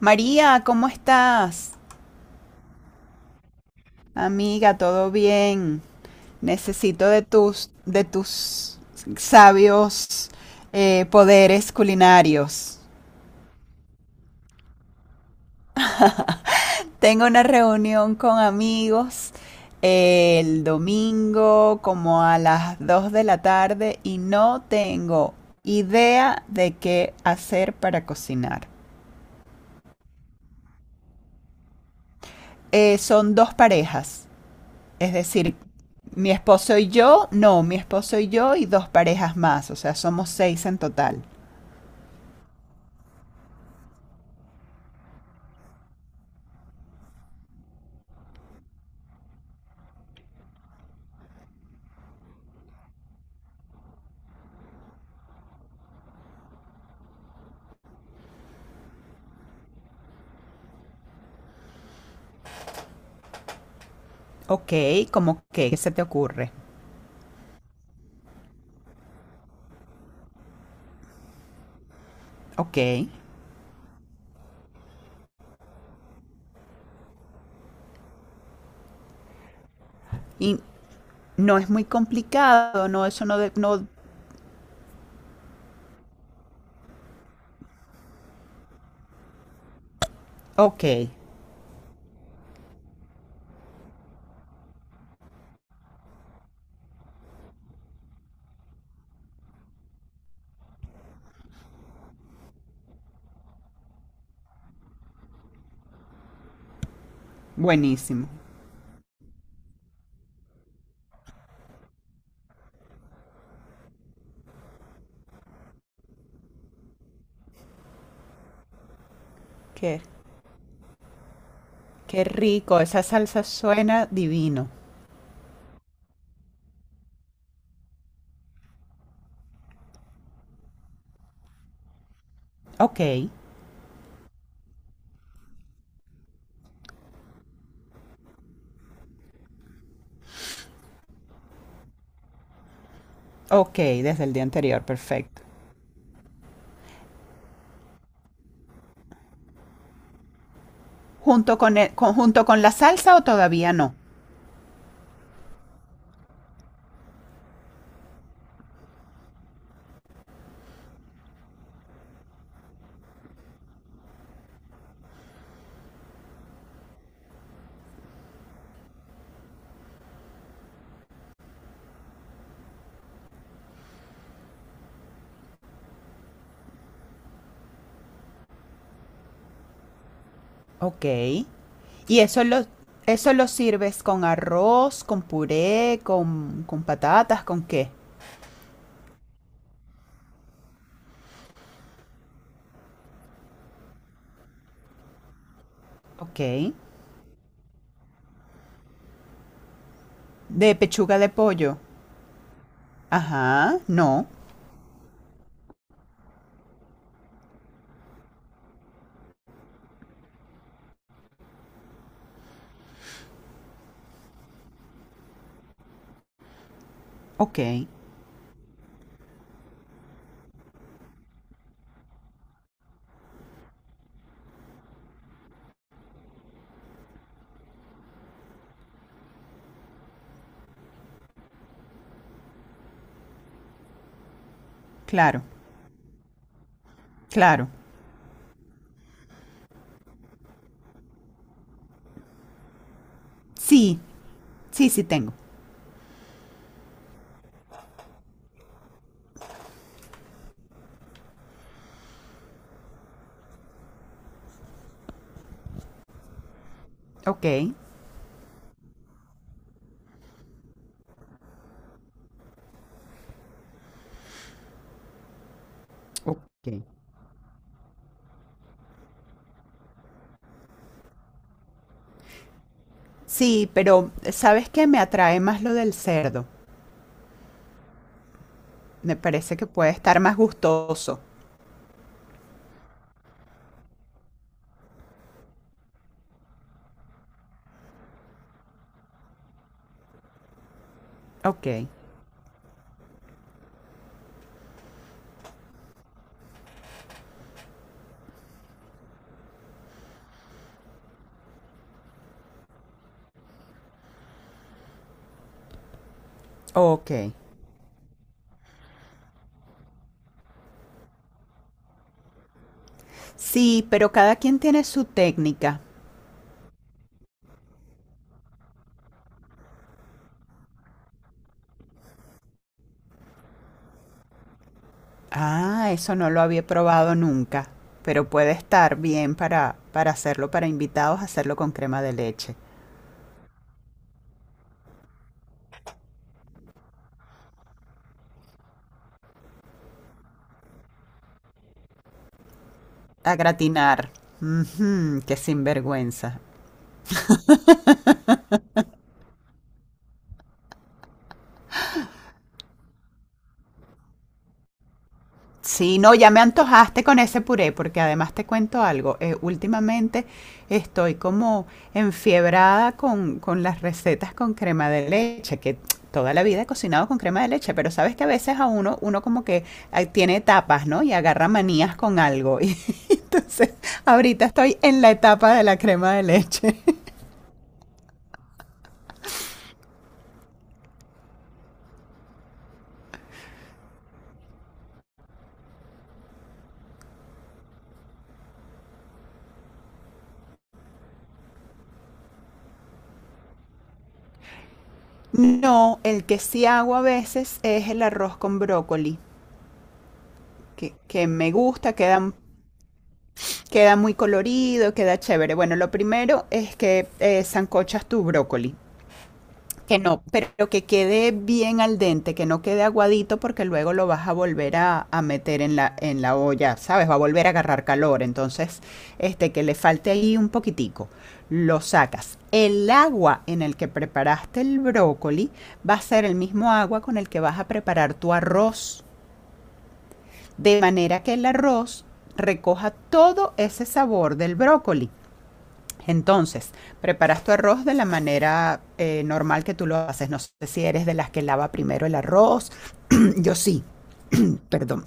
María, ¿cómo estás? Amiga, ¿todo bien? Necesito de tus sabios poderes culinarios. Tengo una reunión con amigos el domingo como a las 2 de la tarde y no tengo idea de qué hacer para cocinar. Son dos parejas. Es decir, mi esposo y yo, no, mi esposo y yo y dos parejas más, o sea, somos 6 en total. Ok. ¿Cómo que, ¿qué se te ocurre? Ok. Y no es muy complicado, no, eso no, no. Ok, buenísimo. Qué, qué rico, esa salsa suena divino. Ok. Ok, desde el día anterior, perfecto. ¿Junto con, junto con la salsa o todavía no? Ok. Y eso lo sirves con arroz, con puré, con patatas, ¿con qué? Ok. De pechuga de pollo. Ajá, no. Ok, claro, claro. Sí, sí, sí tengo. Ok. Ok. Sí, pero ¿sabes qué? Me atrae más lo del cerdo. Me parece que puede estar más gustoso. Ok, ok. Sí, pero cada quien tiene su técnica. Ah, eso no lo había probado nunca, pero puede estar bien para hacerlo para invitados, hacerlo con crema de leche. A gratinar. Ujú, qué sinvergüenza. Sí, no, ya me antojaste con ese puré, porque además te cuento algo. Últimamente estoy como enfiebrada con las recetas con crema de leche, que toda la vida he cocinado con crema de leche, pero sabes que a veces a uno, uno como que ah, tiene etapas, ¿no? Y agarra manías con algo. Entonces, ahorita estoy en la etapa de la crema de leche. No, el que sí hago a veces es el arroz con brócoli, que me gusta, queda, queda muy colorido, queda chévere. Bueno, lo primero es que sancochas tu brócoli. Que no, pero que quede bien al dente, que no quede aguadito porque luego lo vas a volver a meter en la olla, ¿sabes? Va a volver a agarrar calor. Entonces, este, que le falte ahí un poquitico. Lo sacas. El agua en el que preparaste el brócoli va a ser el mismo agua con el que vas a preparar tu arroz. De manera que el arroz recoja todo ese sabor del brócoli. Entonces, preparas tu arroz de la manera normal que tú lo haces. No sé si eres de las que lava primero el arroz. Yo sí, perdón.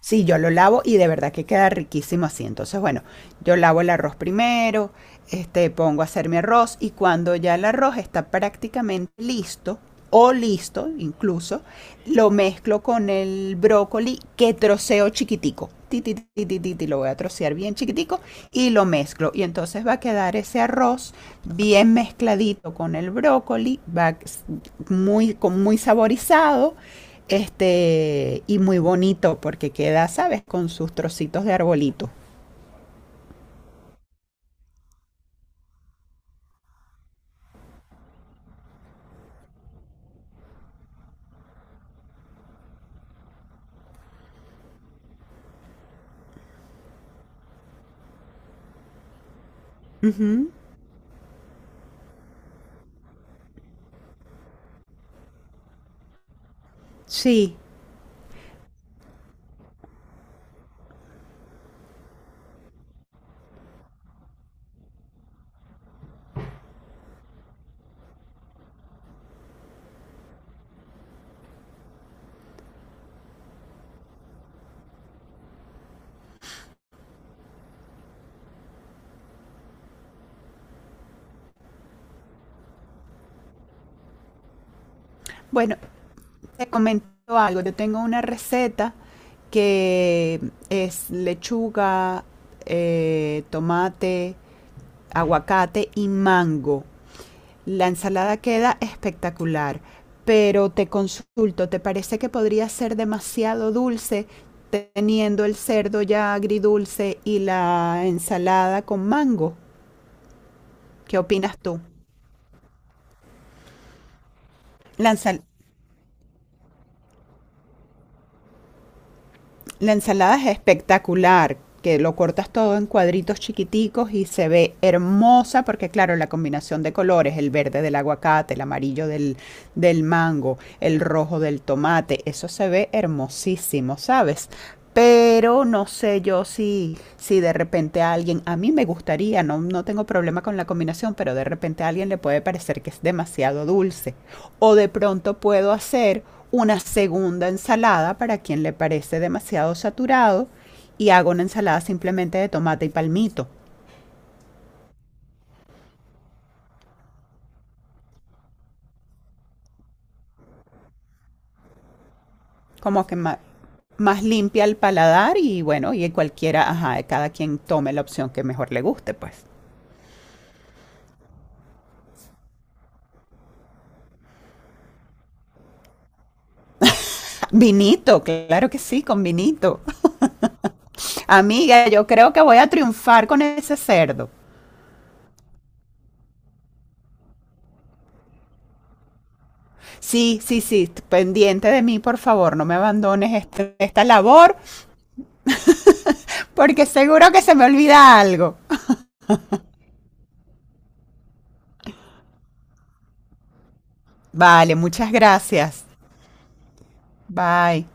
Sí, yo lo lavo y de verdad que queda riquísimo así. Entonces, bueno, yo lavo el arroz primero, este, pongo a hacer mi arroz y cuando ya el arroz está prácticamente listo o listo incluso, lo mezclo con el brócoli que troceo chiquitico. Ti, ti, ti, ti, ti, ti, lo voy a trocear bien chiquitico y lo mezclo. Y entonces va a quedar ese arroz bien mezcladito con el brócoli, va muy, con muy saborizado este, y muy bonito porque queda, ¿sabes? Con sus trocitos de arbolito. Ujú. Sí. Bueno, te comento algo. Yo tengo una receta que es lechuga, tomate, aguacate y mango. La ensalada queda espectacular, pero te consulto, ¿te parece que podría ser demasiado dulce teniendo el cerdo ya agridulce y la ensalada con mango? ¿Qué opinas tú? La, ensal- la ensalada es espectacular, que lo cortas todo en cuadritos chiquiticos y se ve hermosa porque claro, la combinación de colores, el verde del aguacate, el amarillo del, del mango, el rojo del tomate, eso se ve hermosísimo, ¿sabes? Pero no sé yo si, si de repente a alguien, a mí me gustaría, no, no tengo problema con la combinación, pero de repente a alguien le puede parecer que es demasiado dulce. O de pronto puedo hacer una segunda ensalada para quien le parece demasiado saturado y hago una ensalada simplemente de tomate y palmito, como que más, limpia el paladar y bueno, y cualquiera, ajá, cada quien tome la opción que mejor le guste, pues. Vinito, claro que sí, con vinito. Amiga, yo creo que voy a triunfar con ese cerdo. Sí, sí, sí, pendiente de mí, por favor, no me abandones esta labor, porque seguro que se me olvida algo. Vale, muchas gracias. Bye.